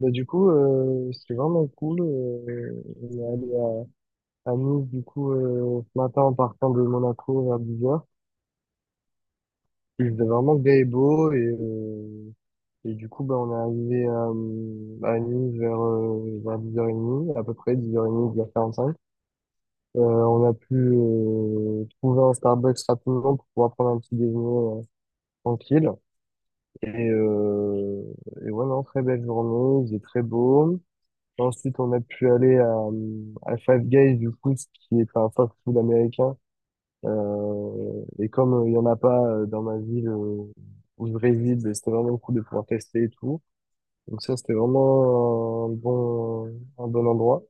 Mais du coup, c'était vraiment cool. On est allé à Nice, du coup, ce matin en partant de Monaco vers 10h. Il faisait vraiment gai et beau. Et du coup, ben, on est arrivé à Nice vers 10h30, à peu près 10h30, 10h45. On a pu trouver un Starbucks rapidement pour pouvoir prendre un petit déjeuner tranquille. Et, euh, et ouais, non, très belle journée, il faisait très beau. Ensuite, on a pu aller à Five Guys, du coup, ce qui est un fast-food américain. Et comme il y en a pas dans ma ville où je réside, ben, c'était vraiment cool de pouvoir tester et tout. Donc ça, c'était vraiment un bon endroit.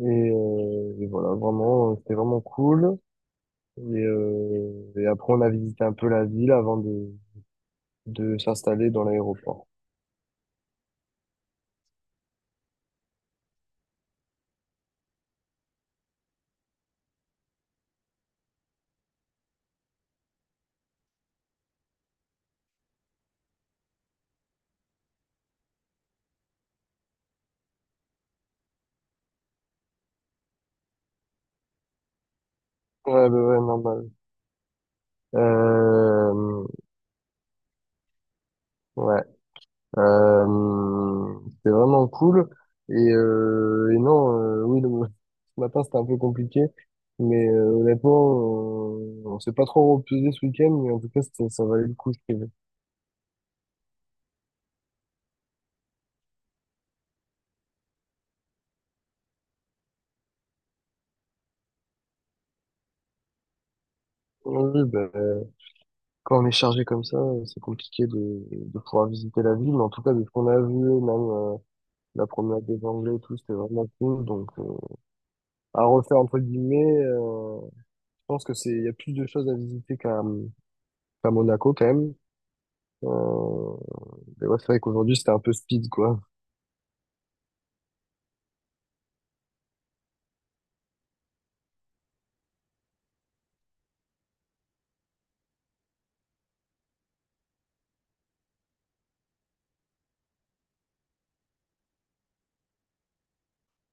Et, et voilà, vraiment, c'était vraiment cool. Et après, on a visité un peu la ville avant de s'installer dans l'aéroport. Ouais, bah ouais, normal. Euh, ouais, c'était vraiment cool. Et non, oui, ce matin c'était un peu compliqué, mais honnêtement, on s'est pas trop reposé ce week-end, mais en tout cas, ça valait le coup. Je trouve. Oui, ben, quand on est chargé comme ça, c'est compliqué de pouvoir visiter la ville. Mais en tout cas, de ce qu'on a vu, même la promenade des Anglais et tout, c'était vraiment cool. Donc, à refaire, entre guillemets, je pense que c'est, il y a plus de choses à visiter qu'à Monaco, quand même. Euh, mais ouais, c'est vrai qu'aujourd'hui, c'était un peu speed, quoi.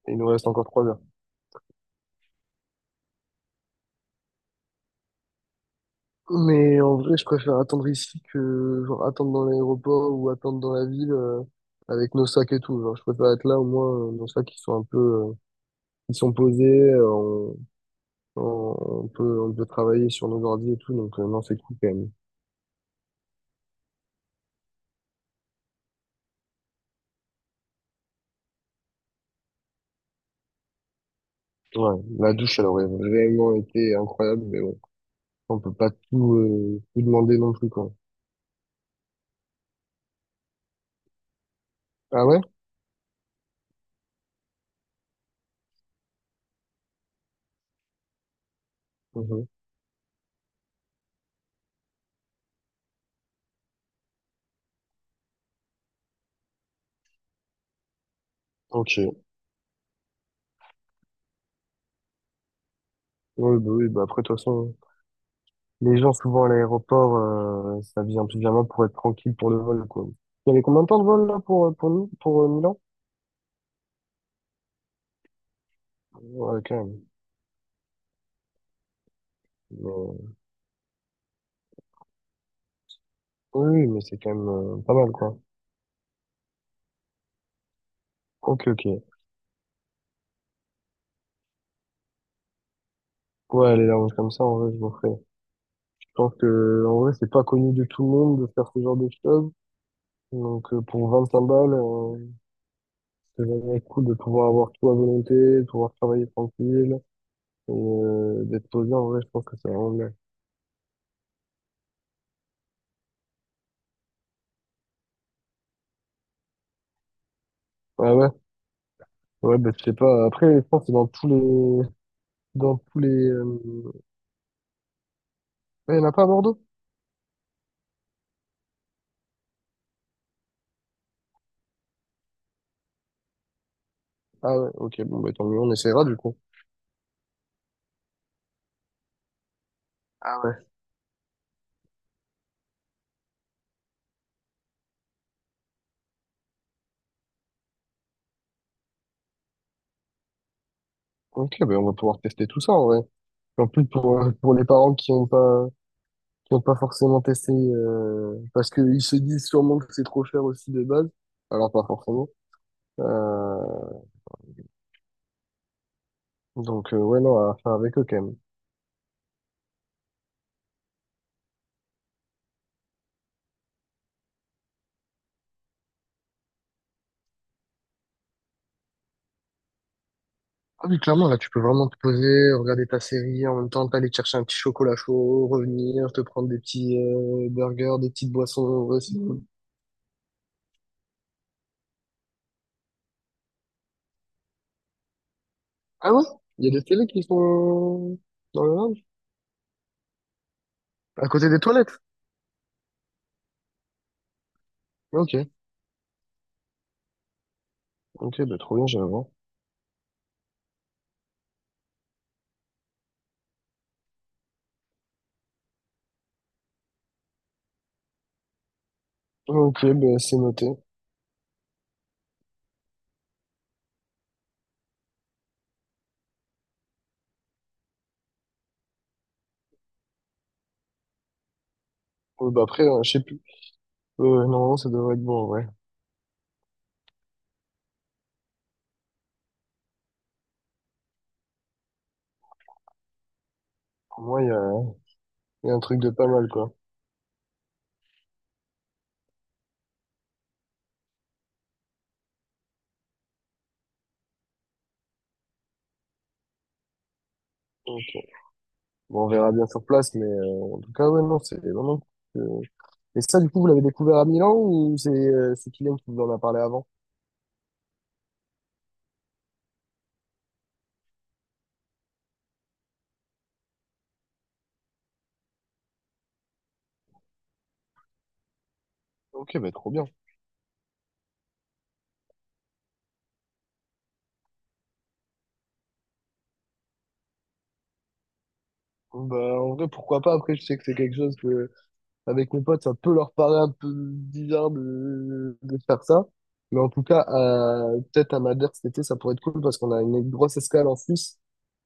Et il nous reste encore 3 heures. Mais en vrai, je préfère attendre ici que genre, attendre dans l'aéroport ou attendre dans la ville avec nos sacs et tout. Genre, je préfère être là au moins nos sacs ils sont un peu ils sont posés, euh, on, on peut travailler sur nos ordi et tout, donc non c'est cool quand même. Ouais, la douche elle aurait vraiment été incroyable, mais bon, on peut pas tout, tout demander non plus quoi. Ah ouais? Mhm. Ok. Ouais, bah oui, bah après de toute façon. Les gens, souvent à l'aéroport, ça vient plus vraiment pour être tranquille pour le vol, quoi. Il y avait combien de temps de vol, là, pour nous, pour Milan? Ouais, quand même. Mais- Oui, oui, mais c'est quand même pas mal, quoi. Ok, ok. Ouais, aller là comme ça, en vrai, je m'en ferais. Je pense que, en vrai, c'est pas connu de tout le monde de faire ce genre de choses. Donc, pour 25 balles, c'est vraiment cool de pouvoir avoir tout à volonté, de pouvoir travailler tranquille, et d'être posé, en vrai, je pense que c'est vraiment bien. Ouais, ouais. Ouais, bah, je sais pas. Après, je pense que c'est dans tous les, ah, il n'y en a pas à Bordeaux? Ah ouais, ok, bon, bah, tant mieux, on essaiera du coup. Ah ouais. Ok, ben on va pouvoir tester tout ça en vrai. En plus, pour les parents qui ont pas forcément testé, parce qu'ils se disent sûrement que c'est trop cher aussi de base, alors pas forcément. Euh, donc ouais, non, à faire avec eux quand même. Ah oui, clairement, là, tu peux vraiment te poser, regarder ta série, en même temps, t'aller chercher un petit chocolat chaud, revenir, te prendre des petits burgers, des petites boissons. Ouais, c'est cool. Ah ouais? Il y a des télés qui sont dans le lounge? À côté des toilettes? Ok, ok, bah trop bien, j'irai voir. Ok, bah c'est noté. Bah après, je sais plus. Normalement, ça devrait être bon, ouais. Pour moi, il y a un truc de pas mal, quoi. Donc, bon, on verra bien sur place, mais en tout cas, ouais, non, c'est vraiment cool. Et ça, du coup, vous l'avez découvert à Milan ou c'est Kylian qui vous en a parlé avant? Ok, bah trop bien. Bah en vrai, pourquoi pas? Après, je sais que c'est quelque chose que avec mes potes, ça peut leur paraître un peu bizarre de faire ça. Mais en tout cas, peut-être à Madère cet été, ça pourrait être cool parce qu'on a une grosse escale en Suisse.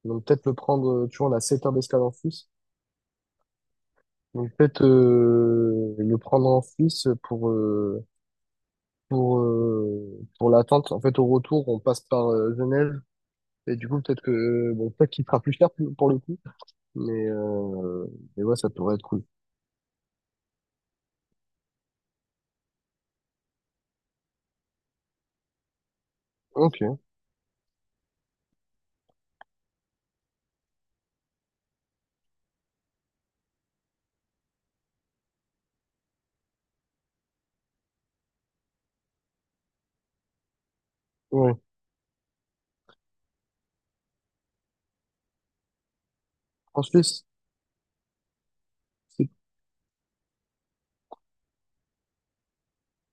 Donc peut-être le prendre, tu vois, on a 7 heures d'escale en Suisse. Donc peut-être le prendre en Suisse pour l'attente. En fait, au retour, on passe par Genève. Et du coup, peut-être que, bon, peut-être qu'il sera plus cher pour le coup. Mais, euh, mais ouais, ça pourrait être cool. Ok, ouais. En Suisse, c'est.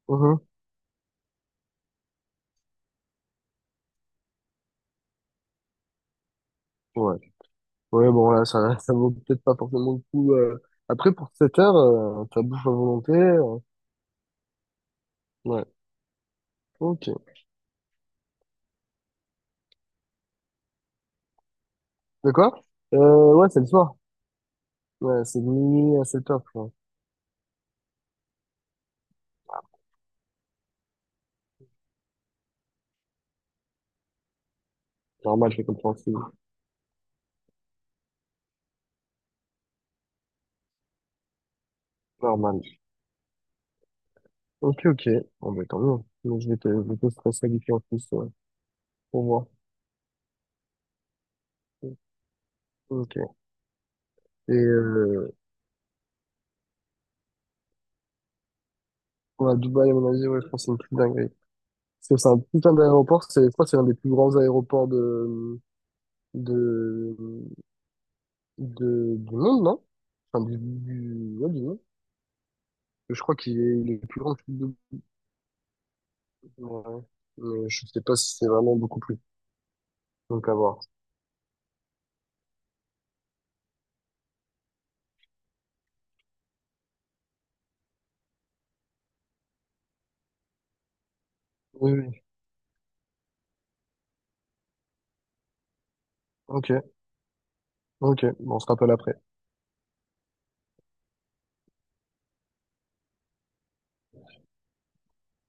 Mhm. Ouais. Ouais, bon, là, ça, ça vaut peut-être pas forcément le coup. Après, pour 7 heures, t'as bouffe à volonté. Ouais, ok. De quoi? Ouais, c'est le soir. Ouais, c'est de minuit à 7 heures, quoi. Normal, c'est compréhensible. Normal. Ok, ok. Bon, bah, tant mieux. Donc, je vais te stresser avec lui en plus, ouais, pour voir. Ok. Et, ouais, Dubaï, à mon avis, ouais, je pense que c'est une petite dinguerie. Parce que c'est un putain d'aéroport, c'est, je crois que c'est l'un des plus grands aéroports de, du monde, non? Enfin, ouais, du monde. Je crois qu'il est plus grand que le double. Ouais. Mais je sais pas si c'est vraiment beaucoup plus. Donc à voir. Oui, oui. Ok, ok. Bon, on se rappelle après.